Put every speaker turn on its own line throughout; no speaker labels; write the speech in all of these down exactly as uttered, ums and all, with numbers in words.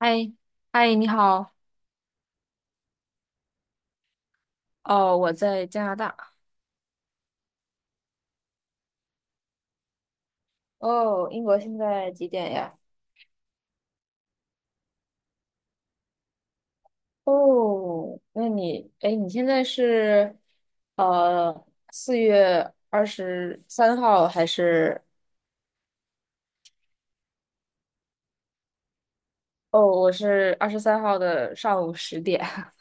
嗨，嗨，你好。哦，我在加拿大。哦，英国现在几点呀？哦，那你，哎，你现在是，呃，四月二十三号还是？哦，我是二十三号的上午十点。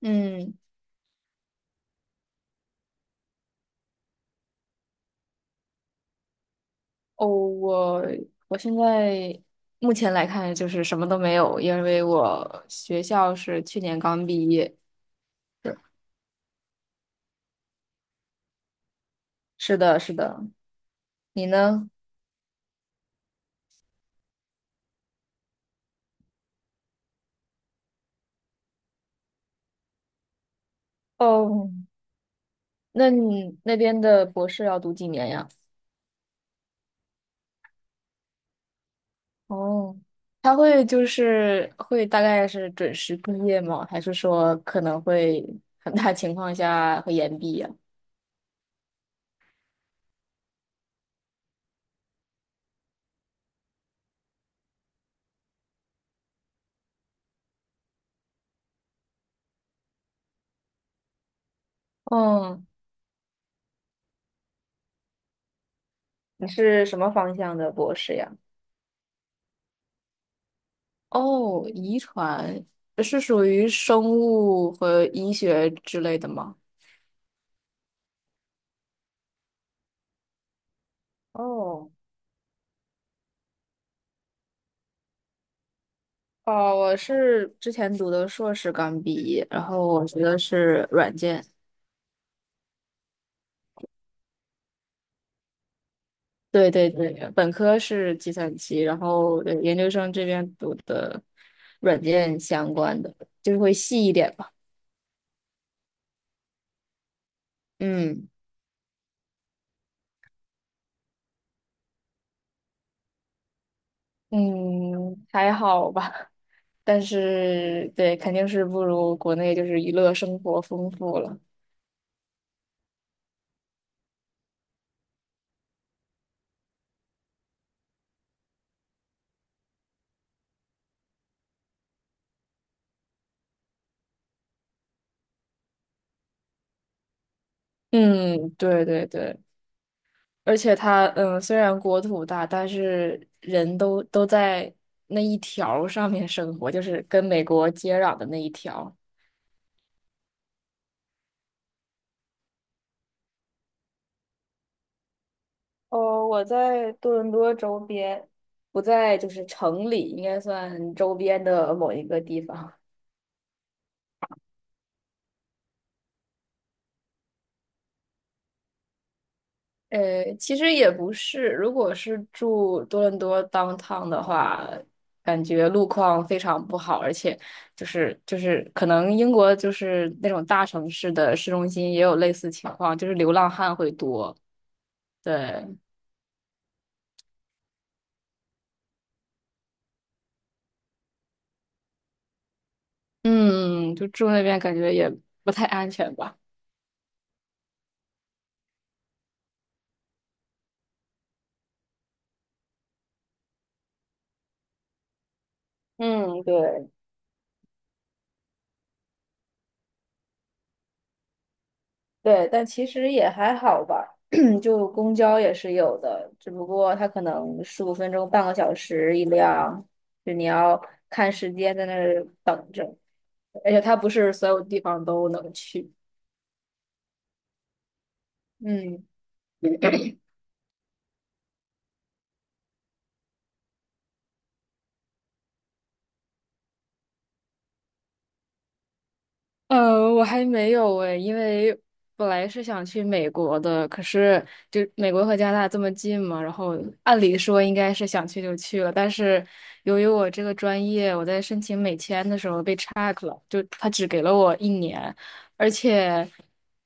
嗯，哦，我我现在目前来看就是什么都没有，因为我学校是去年刚毕业。是是的，是的。你呢？哦，那你那边的博士要读几年呀？哦，他会就是会大概是准时毕业吗？还是说可能会很大情况下会延毕呀？嗯，你是什么方向的博士呀？哦，遗传是属于生物和医学之类的吗？哦，哦，我是之前读的硕士刚毕业，然后我学的是软件。对对对，本科是计算机，然后对研究生这边读的软件相关的，就是会细一点吧。嗯嗯，还好吧，但是对，肯定是不如国内就是娱乐生活丰富了。嗯，对对对，而且它嗯，虽然国土大，但是人都都在那一条儿上面生活，就是跟美国接壤的那一条。哦，我在多伦多周边，不在就是城里，应该算周边的某一个地方。呃，其实也不是，如果是住多伦多 downtown 的话，感觉路况非常不好，而且就是就是可能英国就是那种大城市的市中心也有类似情况，就是流浪汉会多。对，嗯，就住那边感觉也不太安全吧。嗯，对。对，但其实也还好吧，就公交也是有的，只不过它可能十五分钟、半个小时一辆，就你要看时间在那儿等着，而且它不是所有地方都能去。嗯，呃，我还没有诶，因为本来是想去美国的，可是就美国和加拿大这么近嘛，然后按理说应该是想去就去了，但是由于我这个专业，我在申请美签的时候被 check 了，就他只给了我一年，而且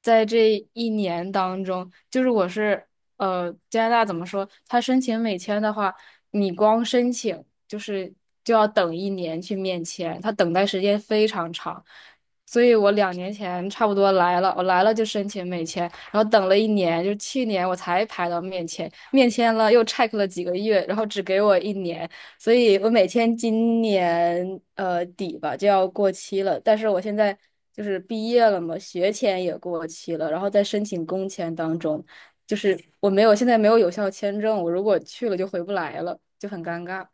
在这一年当中，就是我是呃加拿大怎么说，他申请美签的话，你光申请就是就要等一年去面签，他等待时间非常长。所以我两年前差不多来了，我来了就申请美签，然后等了一年，就是去年我才排到面签，面签了又 check 了几个月，然后只给我一年，所以我美签今年呃底吧就要过期了，但是我现在就是毕业了嘛，学签也过期了，然后在申请工签当中，就是我没有现在没有有效签证，我如果去了就回不来了，就很尴尬。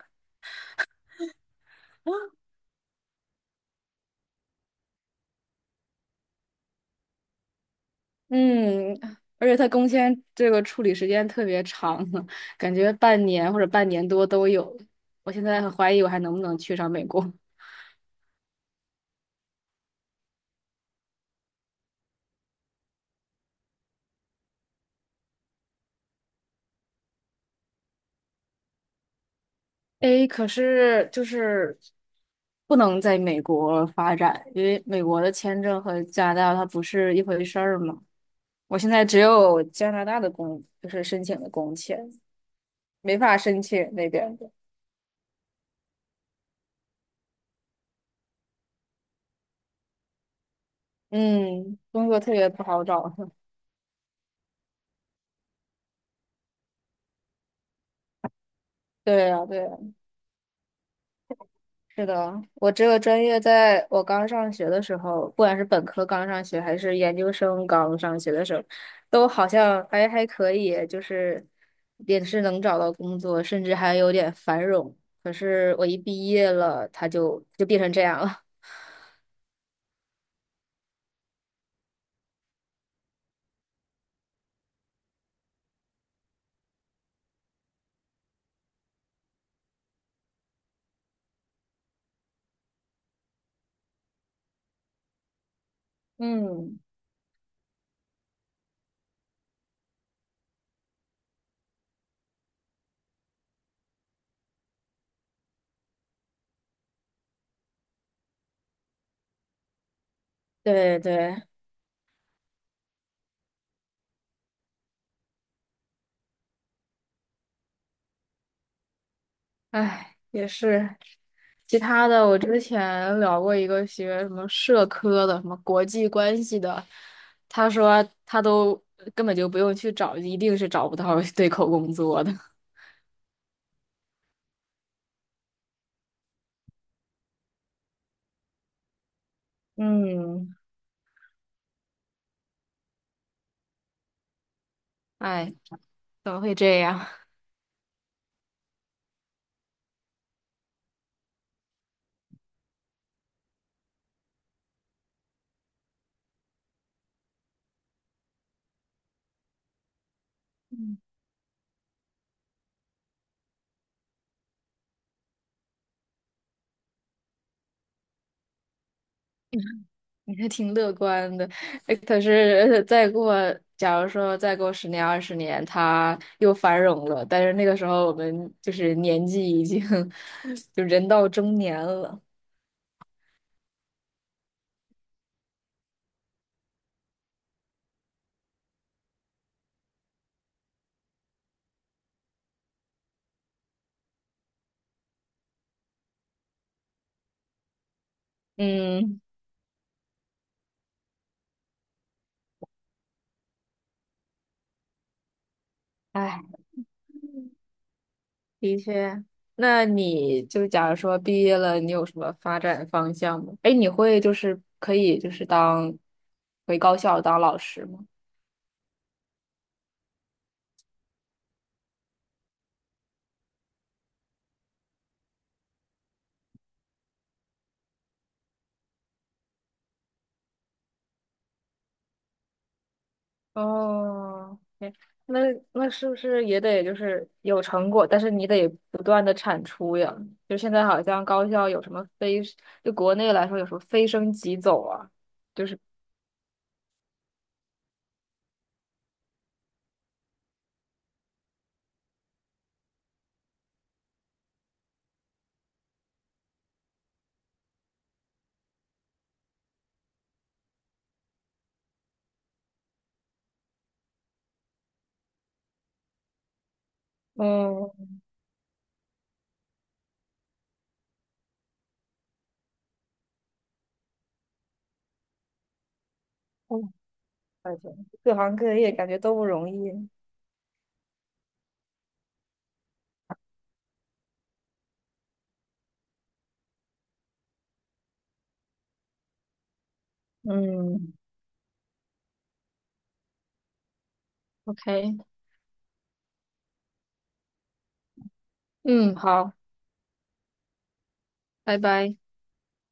嗯，而且他工签这个处理时间特别长，感觉半年或者半年多都有。我现在很怀疑我还能不能去上美国。诶，可是就是不能在美国发展，因为美国的签证和加拿大它不是一回事儿嘛。我现在只有加拿大的工，就是申请的工签，没法申请那边的。嗯，工作特别不好找。对呀，对呀。是的，我这个专业在我刚上学的时候，不管是本科刚上学，还是研究生刚上学的时候，都好像还还可以，就是也是能找到工作，甚至还有点繁荣。可是我一毕业了，它就就变成这样了。嗯，对对，唉，也是。其他的，我之前聊过一个学什么社科的，什么国际关系的，他说他都根本就不用去找，一定是找不到对口工作的。嗯，哎，怎么会这样？你还挺乐观的。哎可是再过，假如说再过十年、二十年，他又繁荣了，但是那个时候我们就是年纪已经 就人到中年了。嗯。哎。的确，那你就假如说毕业了，你有什么发展方向吗？哎，你会就是可以就是当回高校当老师吗？哦，哎那那是不是也得就是有成果，但是你得不断的产出呀？就现在好像高校有什么非，就国内来说有什么非升即走啊，就是嗯，嗯感觉各行各业感觉都不容易。嗯，OK,嗯，好，拜拜。